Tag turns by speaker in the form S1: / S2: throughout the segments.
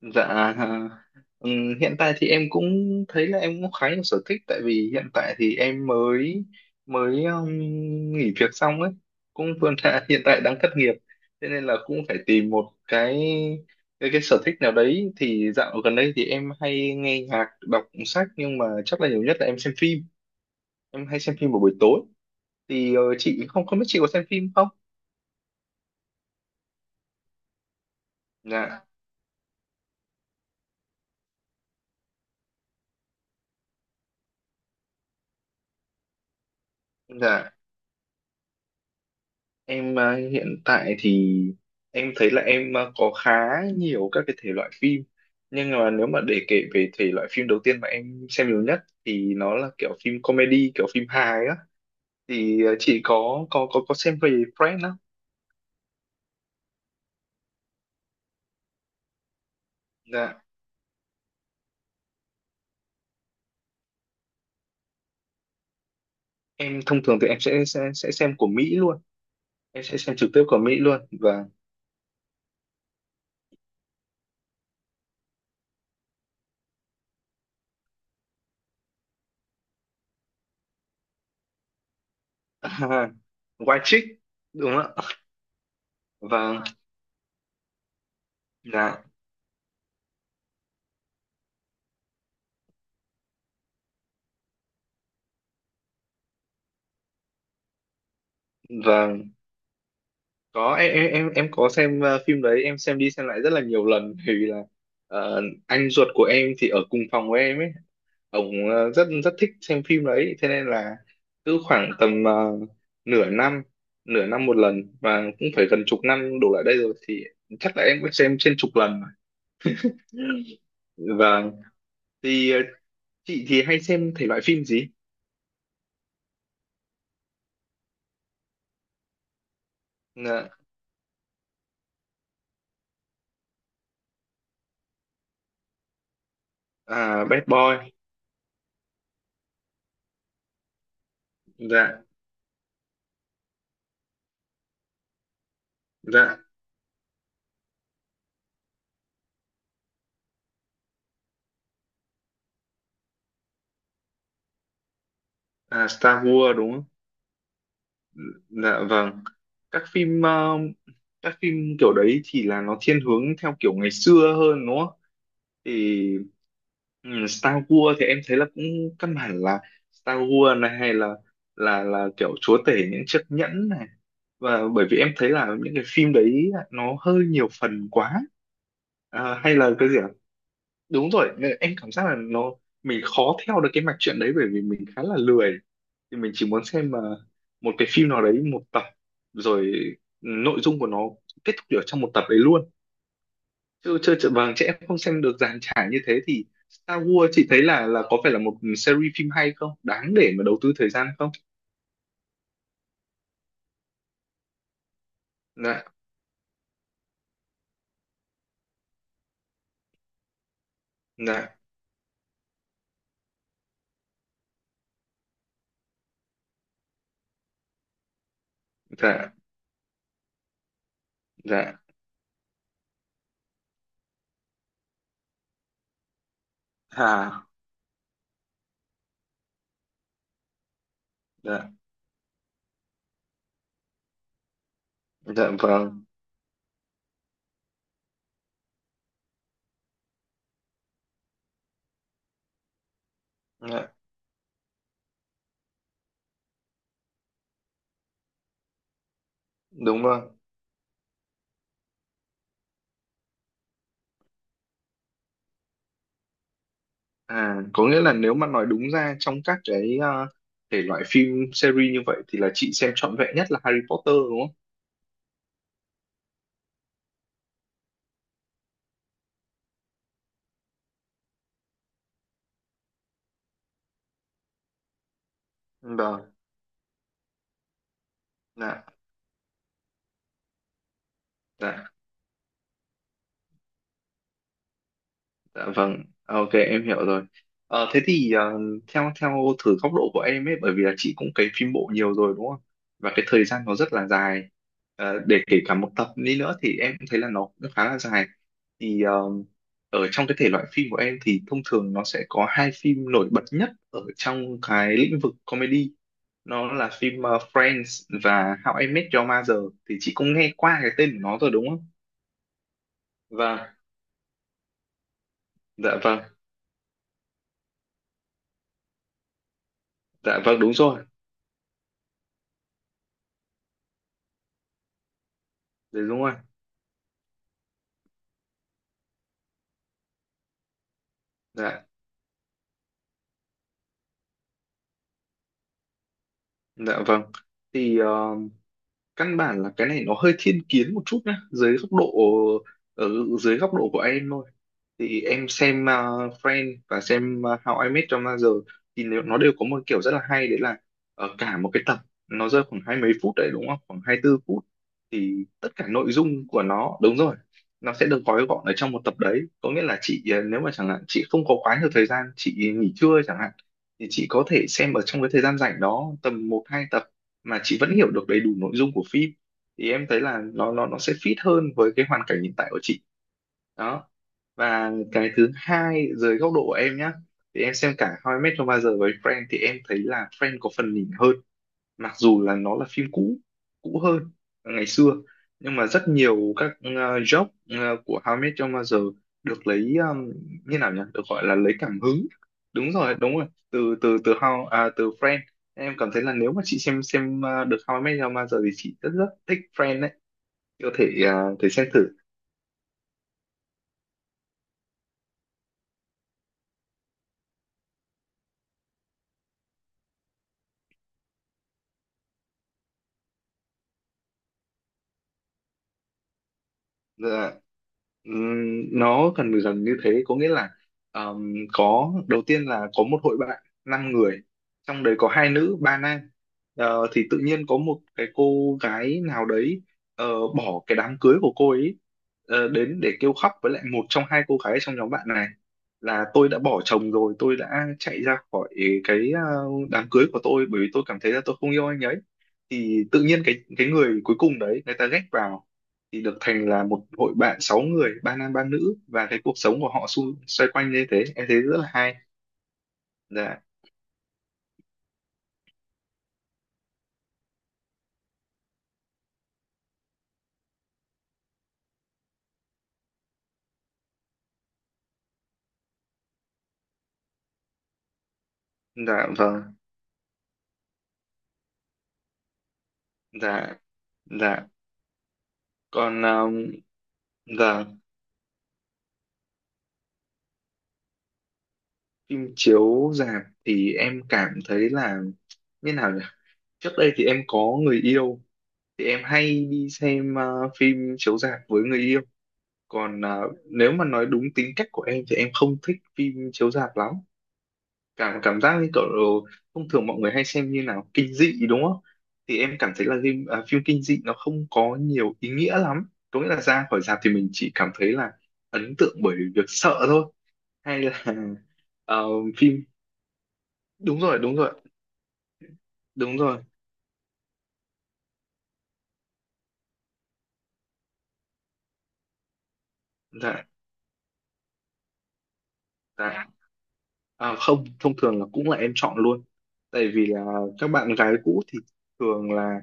S1: Dạ, à, hiện tại thì em cũng thấy là em cũng khá nhiều sở thích, tại vì hiện tại thì em mới mới nghỉ việc xong ấy, cũng vừa là hiện tại đang thất nghiệp, thế nên là cũng phải tìm một cái sở thích nào đấy. Thì dạo gần đây thì em hay nghe nhạc, đọc sách, nhưng mà chắc là nhiều nhất là em xem phim, em hay xem phim vào buổi tối. Thì chị không không biết chị có xem phim không? Dạ, dạ. Em hiện tại thì em thấy là em có khá nhiều các cái thể loại phim, nhưng mà nếu mà để kể về thể loại phim đầu tiên mà em xem nhiều nhất thì nó là kiểu phim comedy, kiểu phim hài á. Thì chị có xem về Friends không? Dạ, em thông thường thì em sẽ xem của Mỹ luôn, em sẽ xem trực tiếp của Mỹ luôn, và White Chick đúng không ạ? Vâng, dạ vâng, có. Em em có xem phim đấy, em xem đi xem lại rất là nhiều lần, bởi vì là anh ruột của em thì ở cùng phòng với em ấy, ông rất rất thích xem phim đấy. Thế nên là cứ khoảng tầm nửa năm, nửa năm một lần, và cũng phải gần chục năm đổ lại đây rồi, thì chắc là em cũng xem trên chục lần rồi. Và thì chị thì hay xem thể loại phim gì? Dạ. À, Bad Boy. Dạ, dạ. À, Star Wars đúng không? Dạ vâng. Các phim, các phim kiểu đấy thì là nó thiên hướng theo kiểu ngày xưa hơn đúng không? Thì Star Wars thì em thấy là cũng căn bản là Star Wars này, hay là kiểu chúa tể những chiếc nhẫn này. Và bởi vì em thấy là những cái phim đấy nó hơi nhiều phần quá. À, hay là cái gì ạ? Đúng rồi, nên em cảm giác là nó, mình khó theo được cái mạch truyện đấy bởi vì mình khá là lười, thì mình chỉ muốn xem mà một cái phim nào đấy một tập, rồi nội dung của nó kết thúc ở trong một tập đấy luôn, chứ chơi chợ vàng trẻ em không xem được dàn trải như thế. Thì Star Wars chị thấy là có phải là một series phim hay không, đáng để mà đầu tư thời gian không? Dạ, dạ, dạ, dạ. À, dạ, dạ vâng, dạ, đúng rồi. À, có nghĩa là nếu mà nói đúng ra, trong các cái thể loại phim series như vậy thì là chị xem trọn vẹn nhất là Harry Potter đúng không? Vâng, dạ, dạ. Dạ vâng, à, ok em hiểu rồi. Thế thì theo theo thử góc độ của em ấy, bởi vì là chị cũng cấy phim bộ nhiều rồi đúng không? Và cái thời gian nó rất là dài. Để kể cả một tập đi nữa thì em cũng thấy là nó cũng khá là dài. Thì ở trong cái thể loại phim của em thì thông thường nó sẽ có hai phim nổi bật nhất ở trong cái lĩnh vực comedy. Nó là phim Friends và How I Met Your Mother. Thì chị cũng nghe qua cái tên của nó rồi đúng không? Vâng, dạ vâng, dạ vâng, đúng rồi, dạ đúng rồi. Dạ. Dạ vâng. Thì căn bản là cái này nó hơi thiên kiến một chút nhá, dưới góc độ, ở dưới góc độ của em thôi. Thì em xem Friends và xem How I Met Your Mother, thì nếu nó đều có một kiểu rất là hay đấy là, ở cả một cái tập nó rơi khoảng hai mấy phút đấy đúng không? Khoảng 24 phút, thì tất cả nội dung của nó, đúng rồi, nó sẽ được gói gọn ở trong một tập đấy. Có nghĩa là chị, nếu mà chẳng hạn chị không có quá nhiều thời gian, chị nghỉ trưa chẳng hạn, thì chị có thể xem ở trong cái thời gian rảnh đó tầm một hai tập mà chị vẫn hiểu được đầy đủ nội dung của phim, thì em thấy là nó sẽ fit hơn với cái hoàn cảnh hiện tại của chị đó. Và cái thứ hai, dưới góc độ của em nhá, thì em xem cả How I Met Your Mother với Friends thì em thấy là Friends có phần nhỉnh hơn, mặc dù là nó là phim cũ, cũ hơn, ngày xưa. Nhưng mà rất nhiều các joke của How I Met Your Mother được lấy, như nào nhỉ, được gọi là lấy cảm hứng, đúng rồi, đúng rồi, từ từ từ How à, từ Friends. Em cảm thấy là nếu mà chị xem được How I Met Your Mother thì chị rất rất thích Friends đấy, có thể thử xem thử. Dạ. Nó gần dần như thế, có nghĩa là, có đầu tiên là có một hội bạn năm người, trong đấy có hai nữ ba nam. Thì tự nhiên có một cái cô gái nào đấy, ờ, bỏ cái đám cưới của cô ấy, đến để kêu khóc với lại một trong hai cô gái trong nhóm bạn này, là tôi đã bỏ chồng rồi, tôi đã chạy ra khỏi cái đám cưới của tôi bởi vì tôi cảm thấy là tôi không yêu anh ấy. Thì tự nhiên cái người cuối cùng đấy người ta ghét vào, thì được thành là một hội bạn sáu người, ba nam ba nữ, và cái cuộc sống của họ, xoay quanh như thế, em thấy rất là hay. Dạ, dạ vâng, dạ, dạ. Còn dạ, phim chiếu rạp thì em cảm thấy là, như nào nhỉ, trước đây thì em có người yêu thì em hay đi xem phim chiếu rạp với người yêu. Còn nếu mà nói đúng tính cách của em thì em không thích phim chiếu rạp lắm. Cảm cảm giác như kiểu, thông thường mọi người hay xem, như nào, kinh dị đúng không? Thì em cảm thấy là phim, à, phim kinh dị nó không có nhiều ý nghĩa lắm, có nghĩa là ra khỏi rạp thì mình chỉ cảm thấy là ấn tượng bởi việc sợ thôi, hay là ờ, phim, đúng rồi, đúng rồi, đúng rồi. Dạ, dạ. À, không, thông thường là cũng là em chọn luôn, tại vì là các bạn gái cũ thì thường là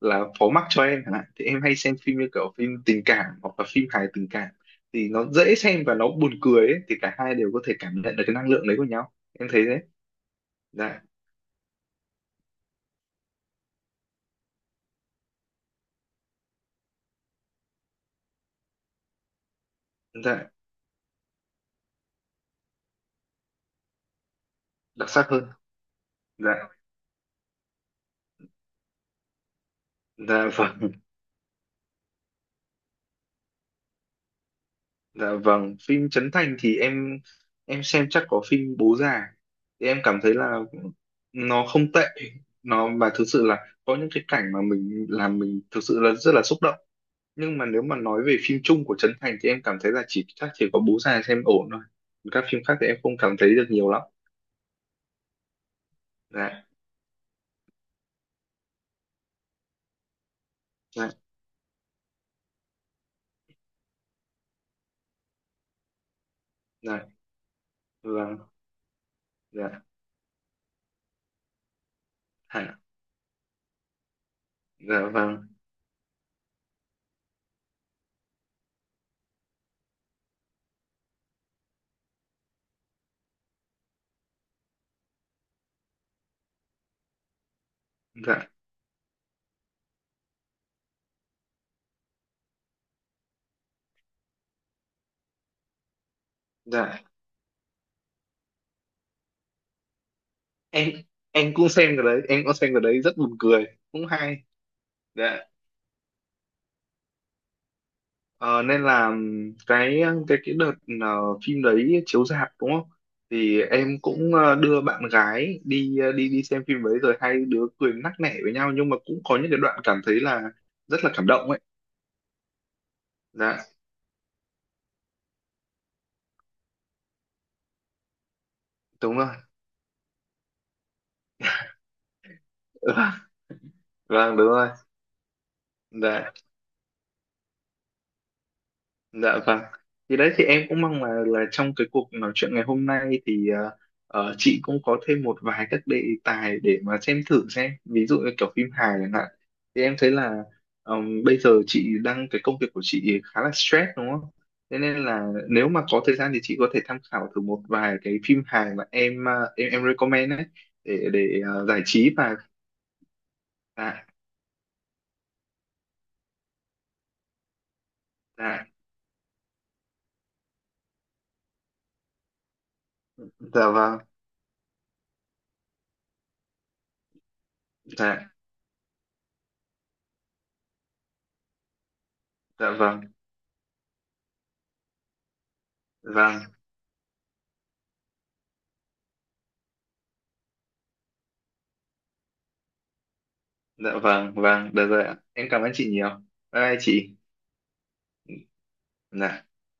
S1: phó mắc cho em chẳng hạn, thì em hay xem phim như kiểu phim tình cảm hoặc là phim hài tình cảm, thì nó dễ xem và nó buồn cười ấy, thì cả hai đều có thể cảm nhận được cái năng lượng đấy của nhau. Em thấy đấy, dạ, dạ, đặc sắc hơn, dạ, dạ vâng, dạ vâng. Phim Trấn Thành thì em xem chắc có phim Bố Già, thì em cảm thấy là nó không tệ, nó mà thực sự là có những cái cảnh mà mình làm mình thực sự là rất là xúc động. Nhưng mà nếu mà nói về phim chung của Trấn Thành thì em cảm thấy là chỉ chắc chỉ có Bố Già xem ổn thôi, các phim khác thì em không cảm thấy được nhiều lắm. Dạ, dạ, dạ vâng, dạ, hả, dạ vâng, dạ, dạ. Em cũng xem cái đấy, em cũng xem cái đấy, rất buồn cười, cũng hay. Dạ. Ờ, nên là cái đợt ờ, phim đấy chiếu rạp đúng không, thì em cũng đưa bạn gái đi, ờ, đi đi xem phim đấy rồi hai đứa cười nắc nẻ với nhau, nhưng mà cũng có những cái đoạn cảm thấy là rất là cảm động ấy. Dạ đúng rồi. Ừ, vâng đúng rồi. Dạ, dạ vâng. Thì đấy, thì em cũng mong là trong cái cuộc nói chuyện ngày hôm nay thì chị cũng có thêm một vài các đề tài để mà xem thử xem, ví dụ như kiểu phim hài chẳng hạn, thì em thấy là, bây giờ chị đang, cái công việc của chị khá là stress đúng không, thế nên là nếu mà có thời gian thì chị có thể tham khảo thử một vài cái phim hài mà em, em recommend đấy, để giải trí và, dạ, dạ, dạ vâng, dạ, dạ vâng, vâng, dạ vâng, vâng, được rồi ạ, em cảm ơn chị nhiều. Bye bye chị. Dạ.